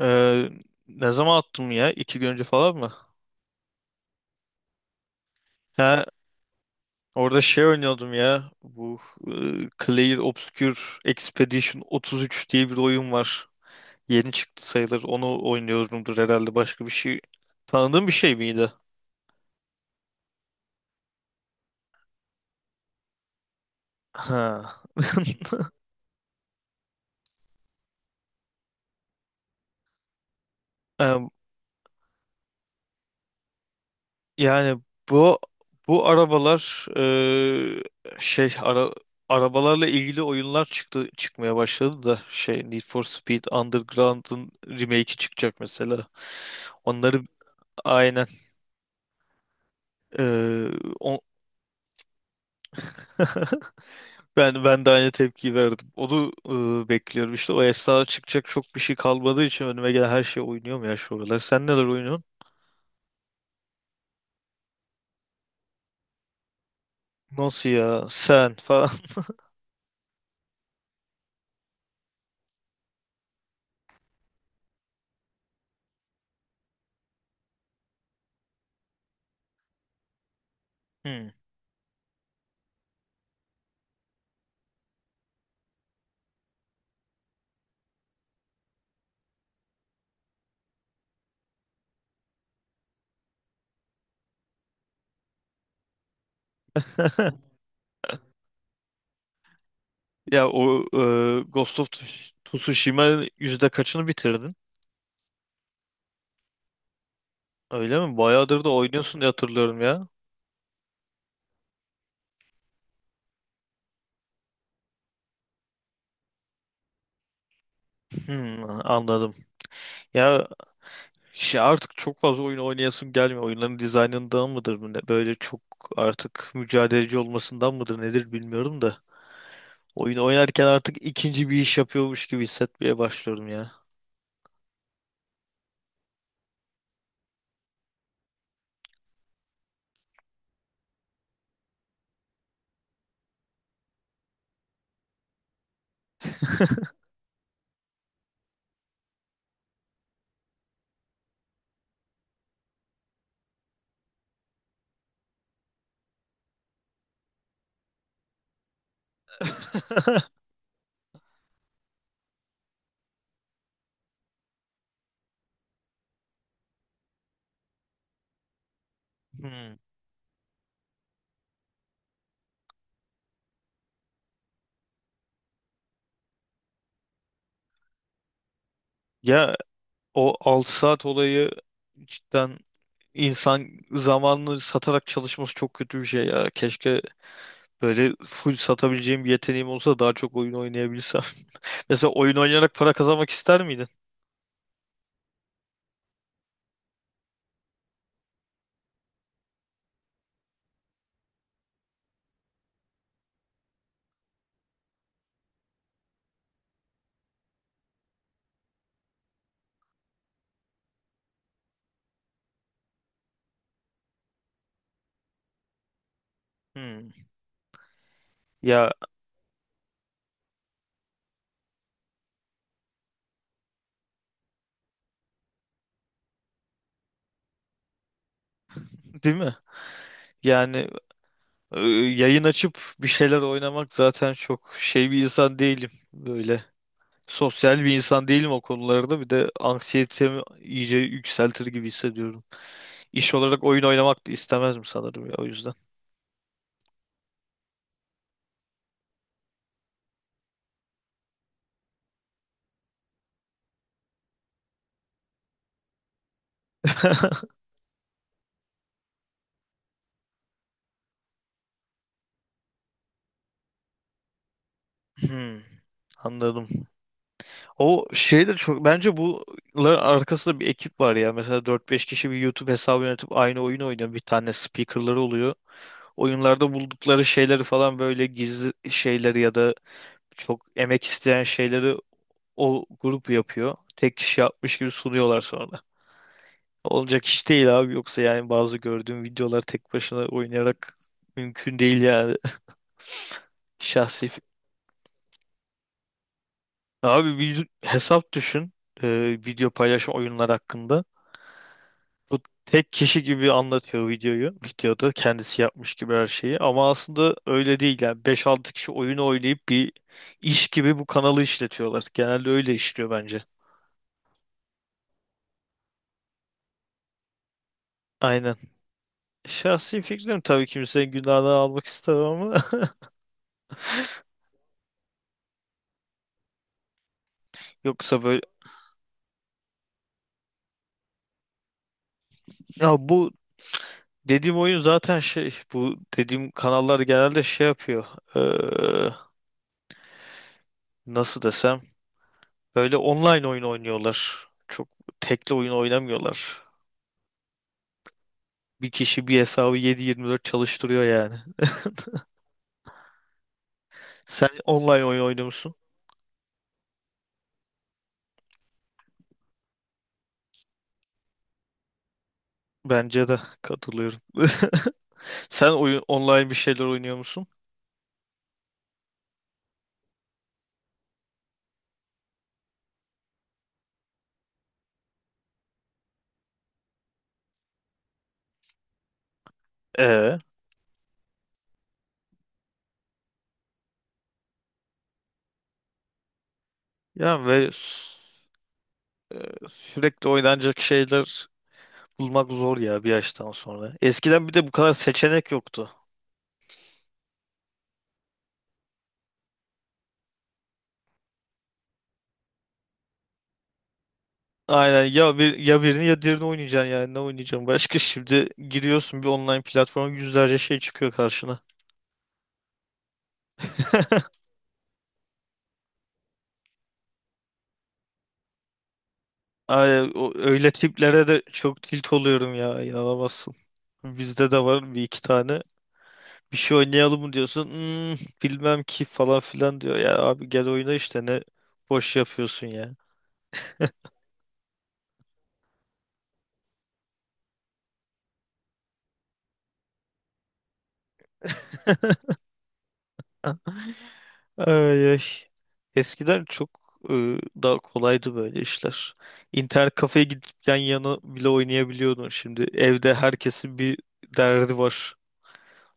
Ee, Ne zaman attım ya? İki gün önce falan mı? Ha, orada şey oynuyordum ya. Bu Clair Obscure Expedition 33 diye bir oyun var. Yeni çıktı sayılır. Onu oynuyordumdur herhalde. Başka bir şey. Tanıdığım bir şey miydi? Ha. Yani bu bu arabalar şey ara, arabalarla ilgili oyunlar çıkmaya başladı da şey Need for Speed Underground'ın remake'i çıkacak mesela. Onları aynen e, o- ben de aynı tepkiyi verdim. Onu bekliyorum işte, o esnada çıkacak çok bir şey kalmadığı için önüme gelen her şey oynuyorum ya şu aralar. Sen neler oynuyorsun? Nasıl ya sen falan. Hmm. Ya o Ghost of Tsushima yüzde kaçını bitirdin? Öyle mi? Bayağıdır da oynuyorsun diye hatırlıyorum ya. Hmm, anladım. Ya şey, artık çok fazla oyun oynayasım gelmiyor. Oyunların dizaynından mıdır, bu ne? Böyle çok artık mücadeleci olmasından mıdır nedir, bilmiyorum da. Oyun oynarken artık ikinci bir iş yapıyormuş gibi hissetmeye başlıyorum ya. Hmm. Ya o 6 saat olayı cidden, İnsan zamanını satarak çalışması çok kötü bir şey ya. Keşke böyle full satabileceğim bir yeteneğim olsa, daha çok oyun oynayabilsem. Mesela oyun oynayarak para kazanmak ister miydin? Hmm. Ya değil mi? Yani yayın açıp bir şeyler oynamak, zaten çok şey bir insan değilim böyle. Sosyal bir insan değilim o konularda. Bir de anksiyetemi iyice yükseltir gibi hissediyorum. İş olarak oyun oynamak da istemezdim sanırım ya, o yüzden. Hmm, anladım. O şey de çok, bence bunların arkasında bir ekip var ya. Mesela dört beş kişi bir YouTube hesabı yönetip aynı oyun oynuyor. Bir tane speakerları oluyor. Oyunlarda buldukları şeyleri falan, böyle gizli şeyleri ya da çok emek isteyen şeyleri o grup yapıyor. Tek kişi yapmış gibi sunuyorlar sonra. Olacak iş değil abi. Yoksa yani bazı gördüğüm videolar tek başına oynayarak mümkün değil yani. Şahsi. Fi- Abi bir hesap düşün. Video paylaşım, oyunlar hakkında. Bu tek kişi gibi anlatıyor videoyu. Videoda kendisi yapmış gibi her şeyi. Ama aslında öyle değil yani. Beş altı kişi oyunu oynayıp bir iş gibi bu kanalı işletiyorlar. Genelde öyle işliyor bence. Aynen. Şahsi fikrim tabii, kimsenin günahını almak istemem ama yoksa böyle, ya bu dediğim oyun zaten şey, bu dediğim kanallar genelde şey yapıyor. Ee, Nasıl desem, böyle online oyun oynuyorlar, çok tekli oyun oynamıyorlar, bir kişi bir hesabı yedi yirmi dört çalıştırıyor yani. Sen online oyun oynuyorsun, bence de katılıyorum. Sen oyun online bir şeyler oynuyor musun? Ee, Yani ve sürekli oynanacak şeyler bulmak zor ya bir yaştan sonra. Eskiden bir de bu kadar seçenek yoktu. Aynen ya, bir ya birini ya diğerini oynayacaksın yani, ne oynayacaksın başka? Şimdi giriyorsun bir online platforma, yüzlerce şey çıkıyor karşına. Aynen, öyle tiplere de çok tilt oluyorum ya, inanamazsın. Bizde de var bir iki tane. Bir şey oynayalım mı diyorsun. "Hmm, bilmem ki" falan filan diyor. Ya abi gel oyna işte, ne boş yapıyorsun ya. Ay, ay. Eskiden çok e, daha kolaydı böyle işler. İnternet kafeye gidip yan yana bile oynayabiliyordun. Şimdi evde herkesin bir derdi var.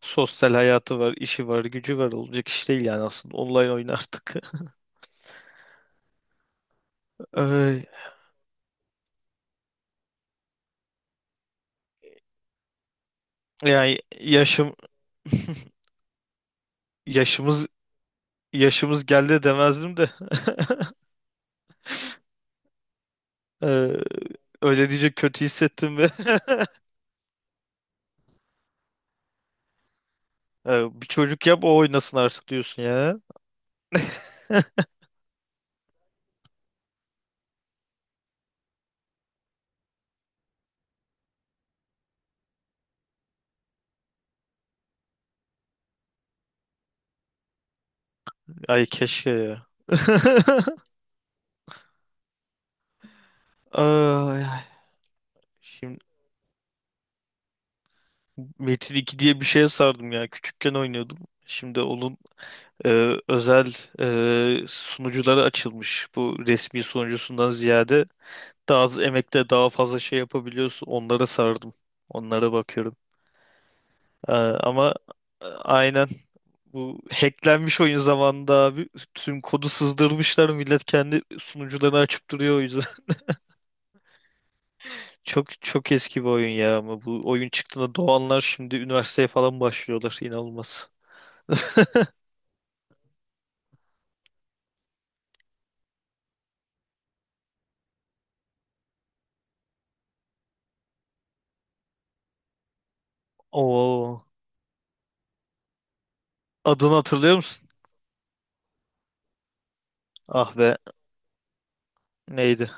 Sosyal hayatı var, işi var, gücü var. Olacak iş değil yani aslında. Online oynardık. Ay, yani yaşım yaşımız yaşımız geldi demezdim de. Ee, Öyle diyecek kötü hissettim ve bir çocuk yap, o oynasın artık diyorsun ya. Ay keşke ya. Ay, ay. Şimdi Metin iki diye bir şeye sardım ya. Küçükken oynuyordum. Şimdi onun özel sunucuları açılmış. Bu, resmi sunucusundan ziyade daha az emekle daha fazla şey yapabiliyorsun. Onlara sardım. Onlara bakıyorum. Ama aynen, bu hacklenmiş oyun zamanında abi tüm kodu sızdırmışlar. Millet kendi sunucularını açıp duruyor o yüzden. Çok çok eski bir oyun ya, ama bu oyun çıktığında doğanlar şimdi üniversiteye falan başlıyorlar. İnanılmaz. Oo. Adını hatırlıyor musun? Ah be. Neydi?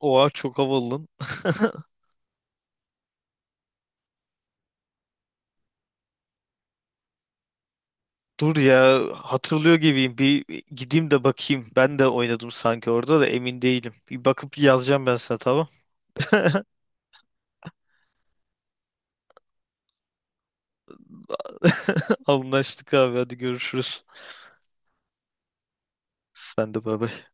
Oha çok havalı. Lan. Dur ya, hatırlıyor gibiyim. Bir gideyim de bakayım. Ben de oynadım sanki orada, da emin değilim. Bir bakıp yazacağım ben sana, tamam. Anlaştık abi, hadi görüşürüz. Sen de bay bay.